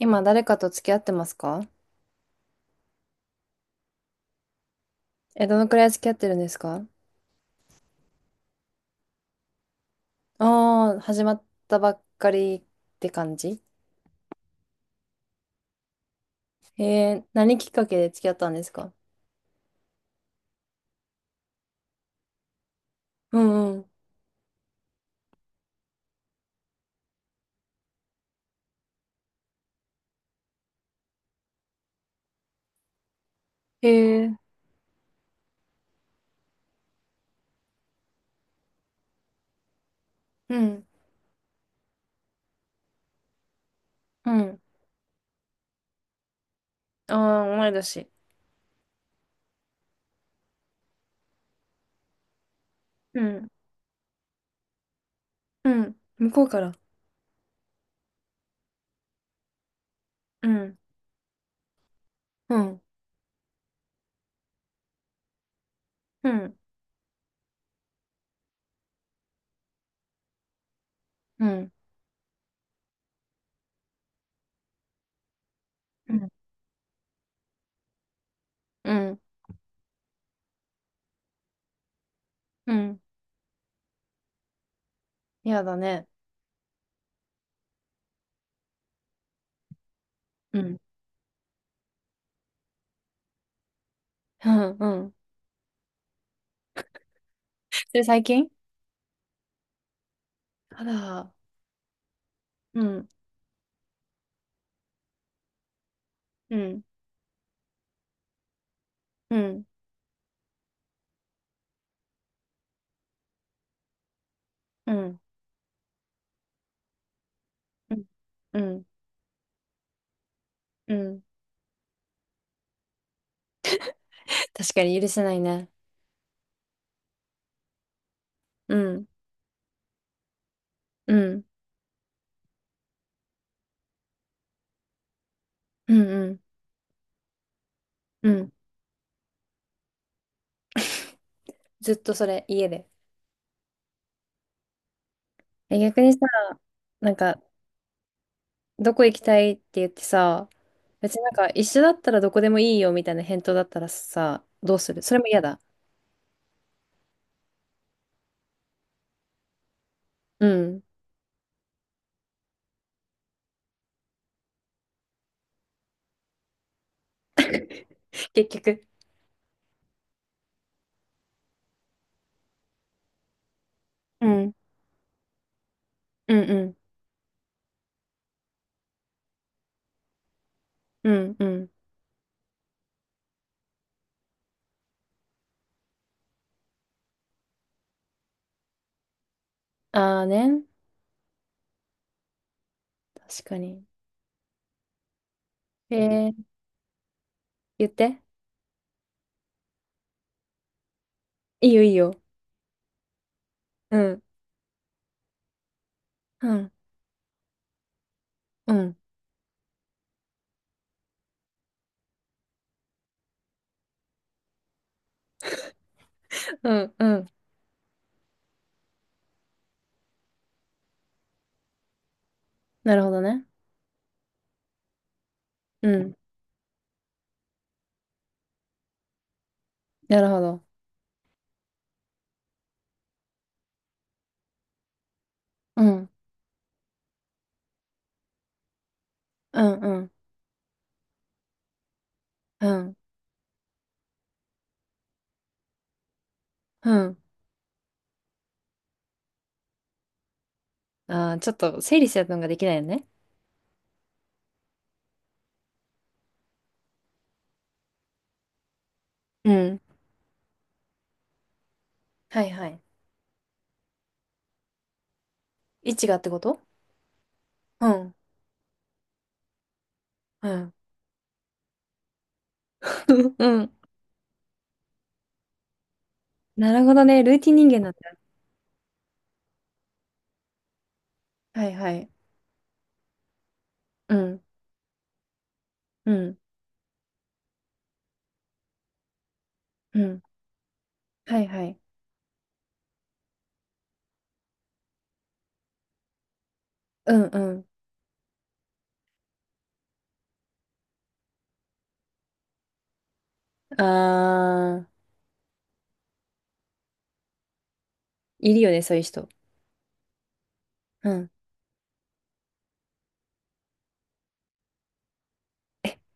今誰かと付き合ってますか？え、どのくらい付き合ってるんですか？ああー、始まったばっかりって感じ？何きっかけで付き合ったんですか？うんうん。へえ、うん、うん。ああ、同い年。うん、うん。向こうから。うん、うん、うん、うん、うん、うん。うん。やだね。うん、うん、うん。それ最近？あら、うん、うん、うん、うん、うん、うん。うん。確かに許せないね。うんうん、うん、うん、うん。ずっとそれ、家で。え、逆にさ、なんか、どこ行きたいって言ってさ、別になんか、一緒だったらどこでもいいよみたいな返答だったらさ、どうする？それも嫌だ。うん。結局。うん、うん、うん、うん、うん。あーね。確かに。へえ、言って。いいよ、いいよ。うん、うん、うん、うん、うん。なるほどね。うん、なるほど。うん、うん、うん、うん、うん。あー、ちょっと整理するのができないよね。うん。はいはい。位置がってこと？うん。うん。うん。なるほどね。ルーティン人間なんだ。はいはい。うん。うん。うん。はいはい。うんうん。あー、いるよね、そういう人。うん。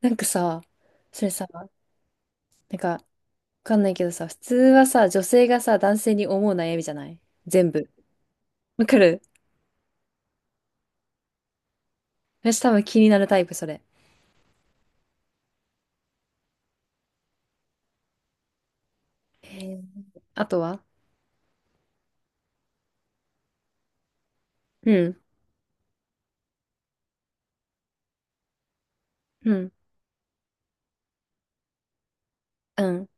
なんかさ、それさ、なんか、わかんないけどさ、普通はさ、女性がさ、男性に思う悩みじゃない？全部。わかる？私多分気になるタイプ、それ。へー。あとは？うん。うん。うん。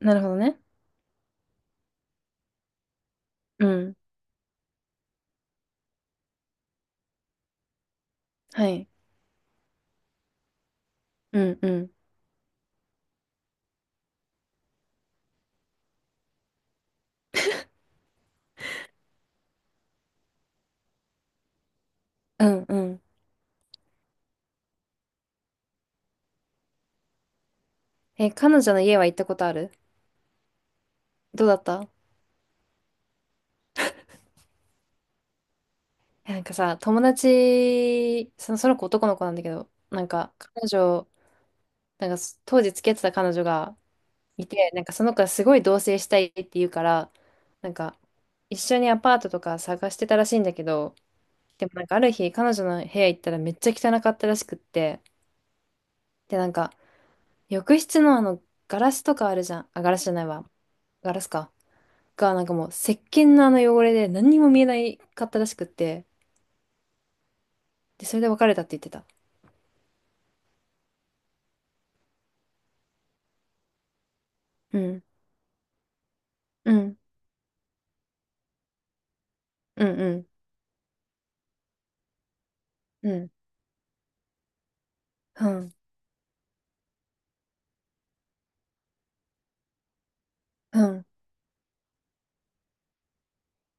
なるほどね。うん。はい。うんうん。うんうん。え、彼女の家は行ったことある？どうだった？え、なんかさ、友達、その、その子男の子なんだけど、なんか彼女、なんか当時付き合ってた彼女がいて、なんかその子がすごい同棲したいって言うから、なんか一緒にアパートとか探してたらしいんだけど、でもなんかある日彼女の部屋行ったらめっちゃ汚かったらしくって、で、なんか浴室のあのガラスとかあるじゃん。あ、ガラスじゃないわ。ガラスか。が、なんかもう石鹸のあの汚れで何にも見えないかったらしくって、で、それで別れたって言ってた。うん、うん、うん、うん、うん、うん、うん。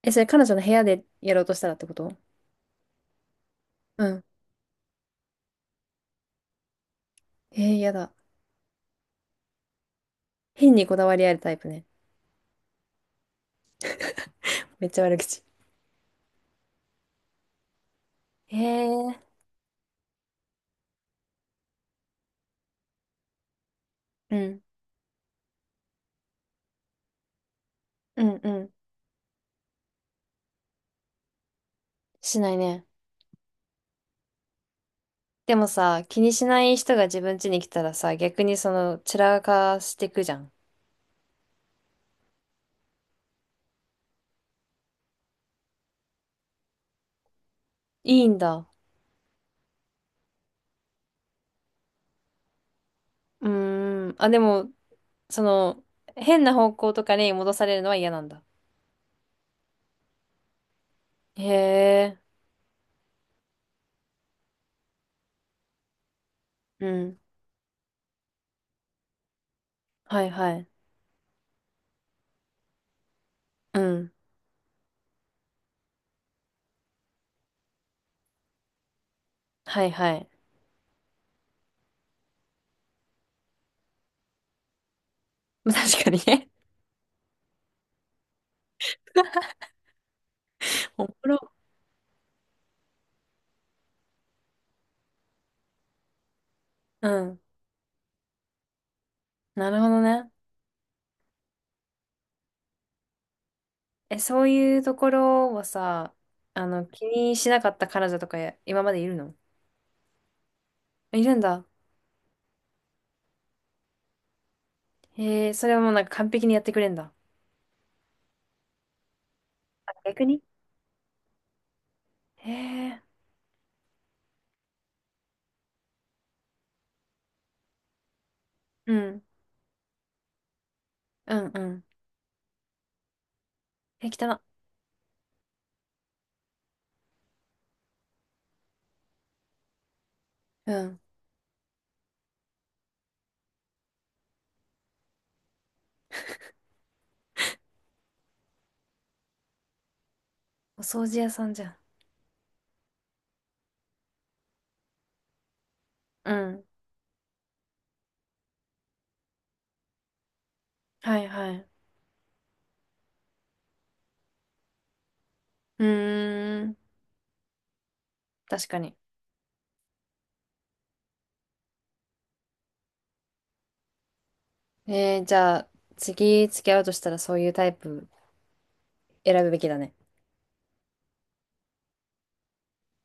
え、それ彼女の部屋でやろうとしたらってこと？うん。えー、やだ。変にこだわりあるタイプね。めっちゃ悪口。へえ。うん、うん、うん。しないね。でもさ、気にしない人が自分家に来たらさ、逆にその、散らかしてくじゃん。いいんだ。うーん。あ、でも、その、変な方向とかに戻されるのは嫌なんだ。へえ。うん。はいはい。うん。はいはい。まあ確かにね。おもろ。うん。なるほどね。え、そういうところはさ、あの、気にしなかった彼女とかや今までいるの？いるんだ。へえ、それはもうなんか完璧にやってくれんだ。あ、逆に？へえ、うん。うんうん。え、汚な。うん。お掃除屋さんじゃん。うん。はいはい。うーん。確かに。じゃあ、次付き合うとしたらそういうタイプ選ぶべきだね。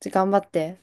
頑張って。